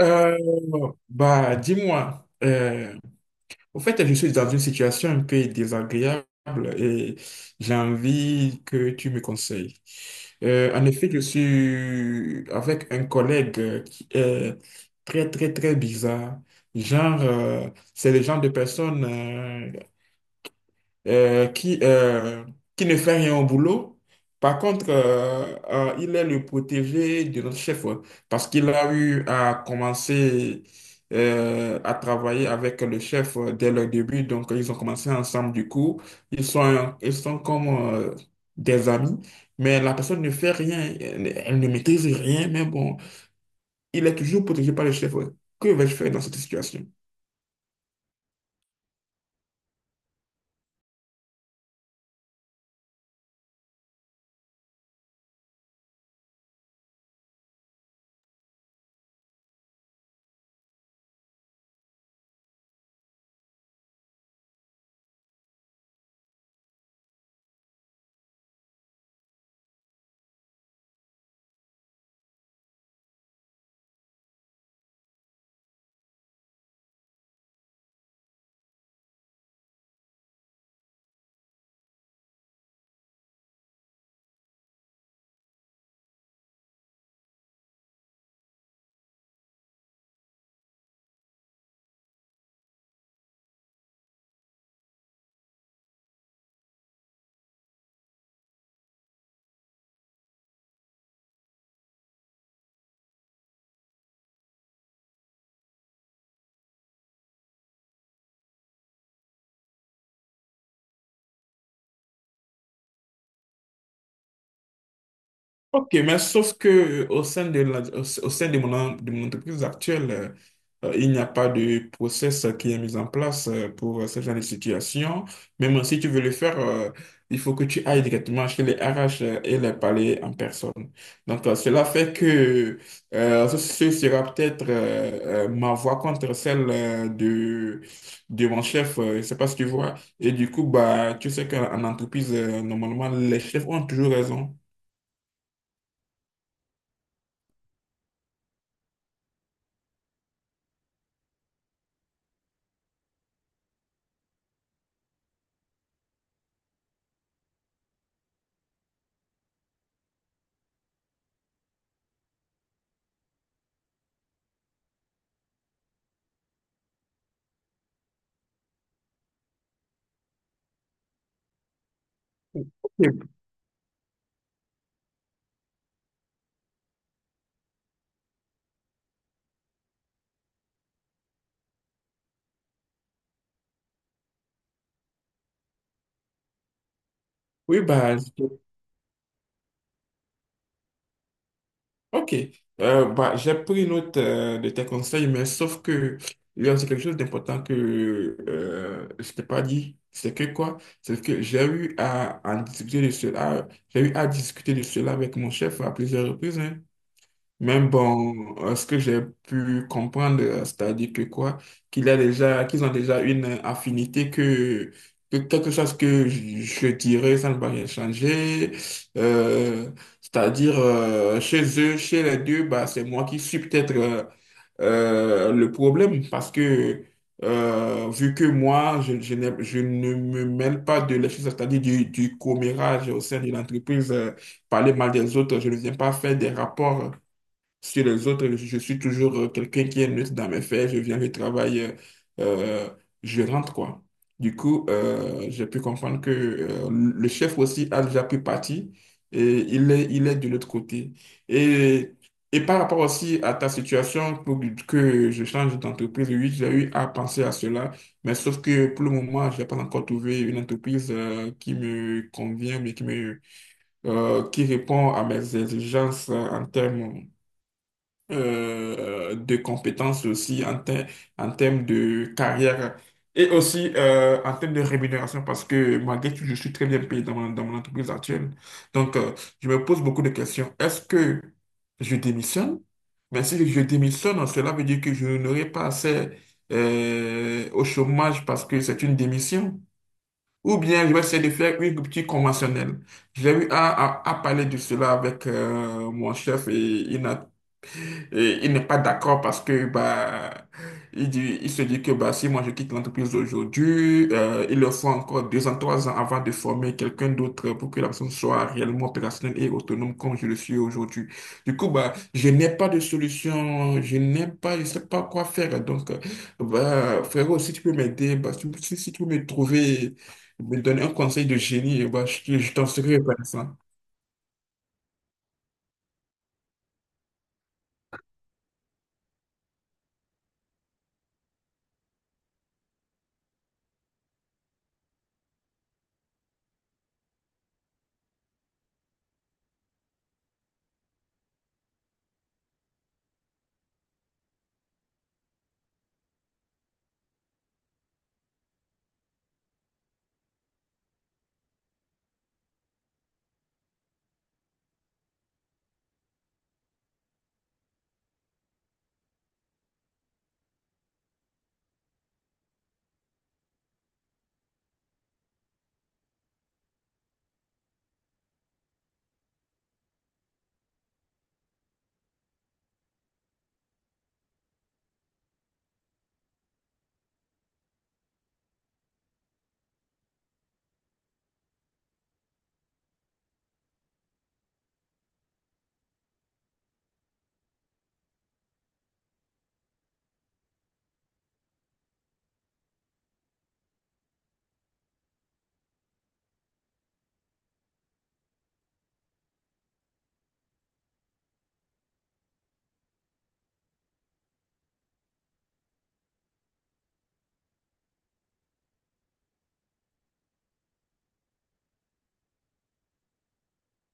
Euh, dis-moi, au fait, je suis dans une situation un peu désagréable et j'ai envie que tu me conseilles. En effet, je suis avec un collègue qui est très, très, très bizarre. Genre, euh, c'est le genre de personne qui qui ne fait rien au boulot. Par contre, il est le protégé de notre chef, ouais, parce qu'il a eu à commencer à travailler avec le chef dès le début. Donc, ils ont commencé ensemble, du coup. Ils sont comme euh, des amis, mais la personne ne fait rien. Elle ne maîtrise rien, mais bon, il est toujours protégé par le chef. Ouais. Que vais-je faire dans cette situation? Ok, mais sauf que au sein de de mon entreprise actuelle, il n'y a pas de process qui est mis en place pour ce genre de situation. Même si tu veux le faire, il faut que tu ailles directement chez les RH, et les parler en personne. Donc, cela fait que ce sera peut-être ma voix contre celle de mon chef. Je ne sais pas si tu vois. Et du coup, bah, tu sais qu'en en entreprise, normalement, les chefs ont toujours raison. Oui, ok. J'ai pris note de tes conseils, mais sauf que il y a aussi quelque chose d'important que je t'ai pas dit. C'est que quoi? C'est que j'ai eu à discuter de cela avec mon chef à plusieurs reprises. Hein. Mais bon, ce que j'ai pu comprendre, c'est-à-dire que quoi, qu'ils ont déjà une affinité, que quelque chose que je dirais, ça ne va rien changer. Euh, c'est-à-dire, chez eux, chez les deux, bah, c'est moi qui suis peut-être le problème, parce que vu que moi, je ne me mêle pas de la chose, c'est-à-dire du commérage au sein de l'entreprise, parler mal des autres, je ne viens pas faire des rapports. Sur les autres, je suis toujours quelqu'un qui est neutre dans mes faits. Je viens du travail, euh, je rentre, quoi. Du coup, j'ai pu comprendre que le chef aussi a déjà pu partir et il est de l'autre côté. Et, et par rapport aussi à ta situation, pour que je change d'entreprise, oui, j'ai eu à penser à cela, mais sauf que pour le moment, je n'ai pas encore trouvé une entreprise qui me convient, mais qui répond à mes exigences en termes de compétences, aussi en termes de carrière et aussi en termes de rémunération, parce que malgré tout, je suis très bien payé dans dans mon entreprise actuelle. Donc, je me pose beaucoup de questions. Est-ce que je démissionne? Mais si je démissionne, cela veut dire que je n'aurai pas accès au chômage, parce que c'est une démission. Ou bien je vais essayer de faire une rupture conventionnelle. J'ai eu à- À parler de cela avec mon chef, et il n'est pas d'accord parce que bah il dit, il se dit que bah si moi je quitte l'entreprise aujourd'hui, il leur faut encore deux ans, trois ans avant de former quelqu'un d'autre pour que la personne soit réellement opérationnelle et autonome comme je le suis aujourd'hui. Du coup, bah, je n'ai pas de solution, je sais pas quoi faire. Donc, bah, frérot, si tu peux m'aider, si tu peux me donner un conseil de génie, bah je t'en serai reconnaissant.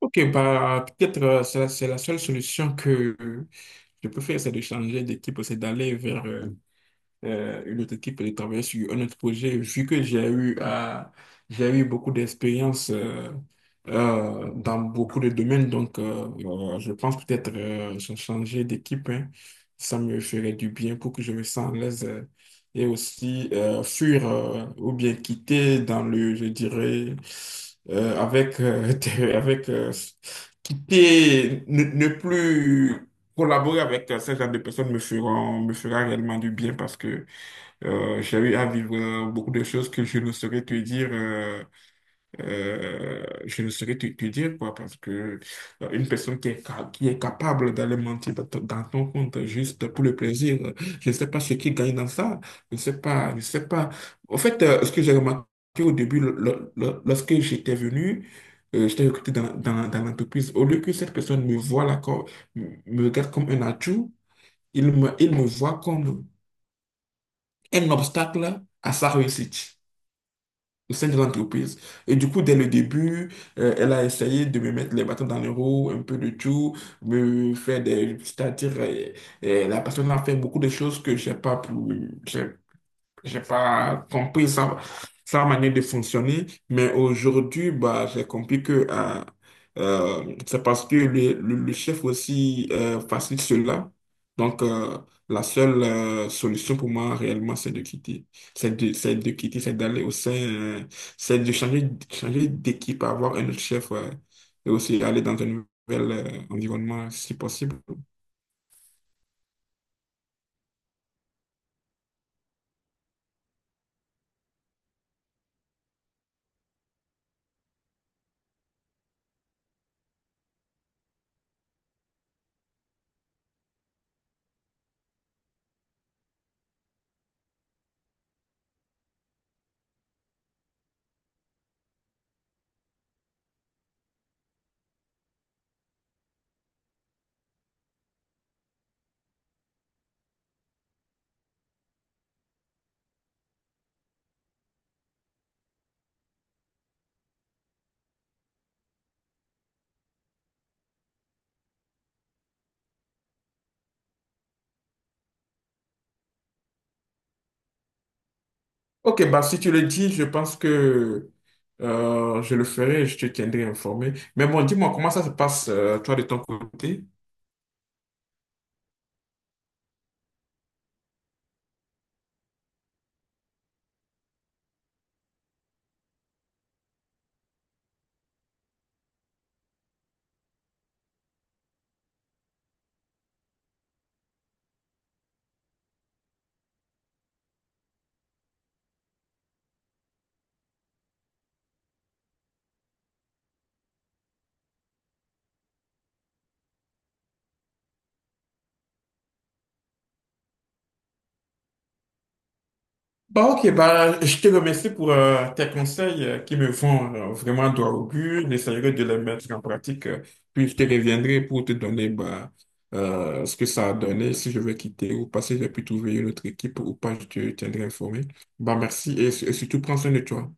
Ok, bah peut-être c'est la seule solution que je préfère, c'est de changer d'équipe, c'est d'aller vers une autre équipe et de travailler sur un autre projet, vu que j'ai eu beaucoup d'expérience dans beaucoup de domaines. Donc, je pense peut-être changer d'équipe, hein. Ça me ferait du bien pour que je me sente à l'aise, et aussi fuir, ou bien quitter dans le, je dirais, euh, avec, euh, avec quitter, ne plus collaborer avec ce genre de personnes me fera réellement du bien, parce que j'ai eu à vivre beaucoup de choses que je ne saurais te dire, je ne saurais te dire quoi, parce que une personne qui est capable d'aller mentir dans dans ton compte juste pour le plaisir, je ne sais pas ce qui gagne dans ça, je ne sais pas, je ne sais pas. En fait, ce que j'ai remarqué au début, lorsque j'étais venu, j'étais recruté dans l'entreprise, au lieu que cette personne me regarde comme un atout, il me voit comme un obstacle à sa réussite au sein de l'entreprise. Et du coup, dès le début, elle a essayé de me mettre les bâtons dans les roues, un peu de tout, me faire des... C'est-à-dire, la personne a fait beaucoup de choses que j'ai pas pu... j'ai j'ai pas compris sa manière de fonctionner, mais aujourd'hui, bah, j'ai compris que c'est parce que le chef aussi facilite cela. Donc, la seule solution pour moi réellement, c'est de quitter. C'est de quitter, c'est d'aller au sein, c'est de changer d'équipe, avoir un autre chef, et aussi aller dans un nouvel environnement si possible. Ok, bah si tu le dis, je pense que je le ferai, et je te tiendrai informé. Mais bon, dis-moi, comment ça se passe, toi, de ton côté? Bah ok, bah je te remercie pour tes conseils qui me font vraiment droit au but. J'essaierai de les mettre en pratique, puis je te reviendrai pour te donner bah, ce que ça a donné, si je veux quitter ou pas, si j'ai pu trouver une autre équipe ou pas, je te tiendrai informé. Bah, merci, et surtout prends soin de toi.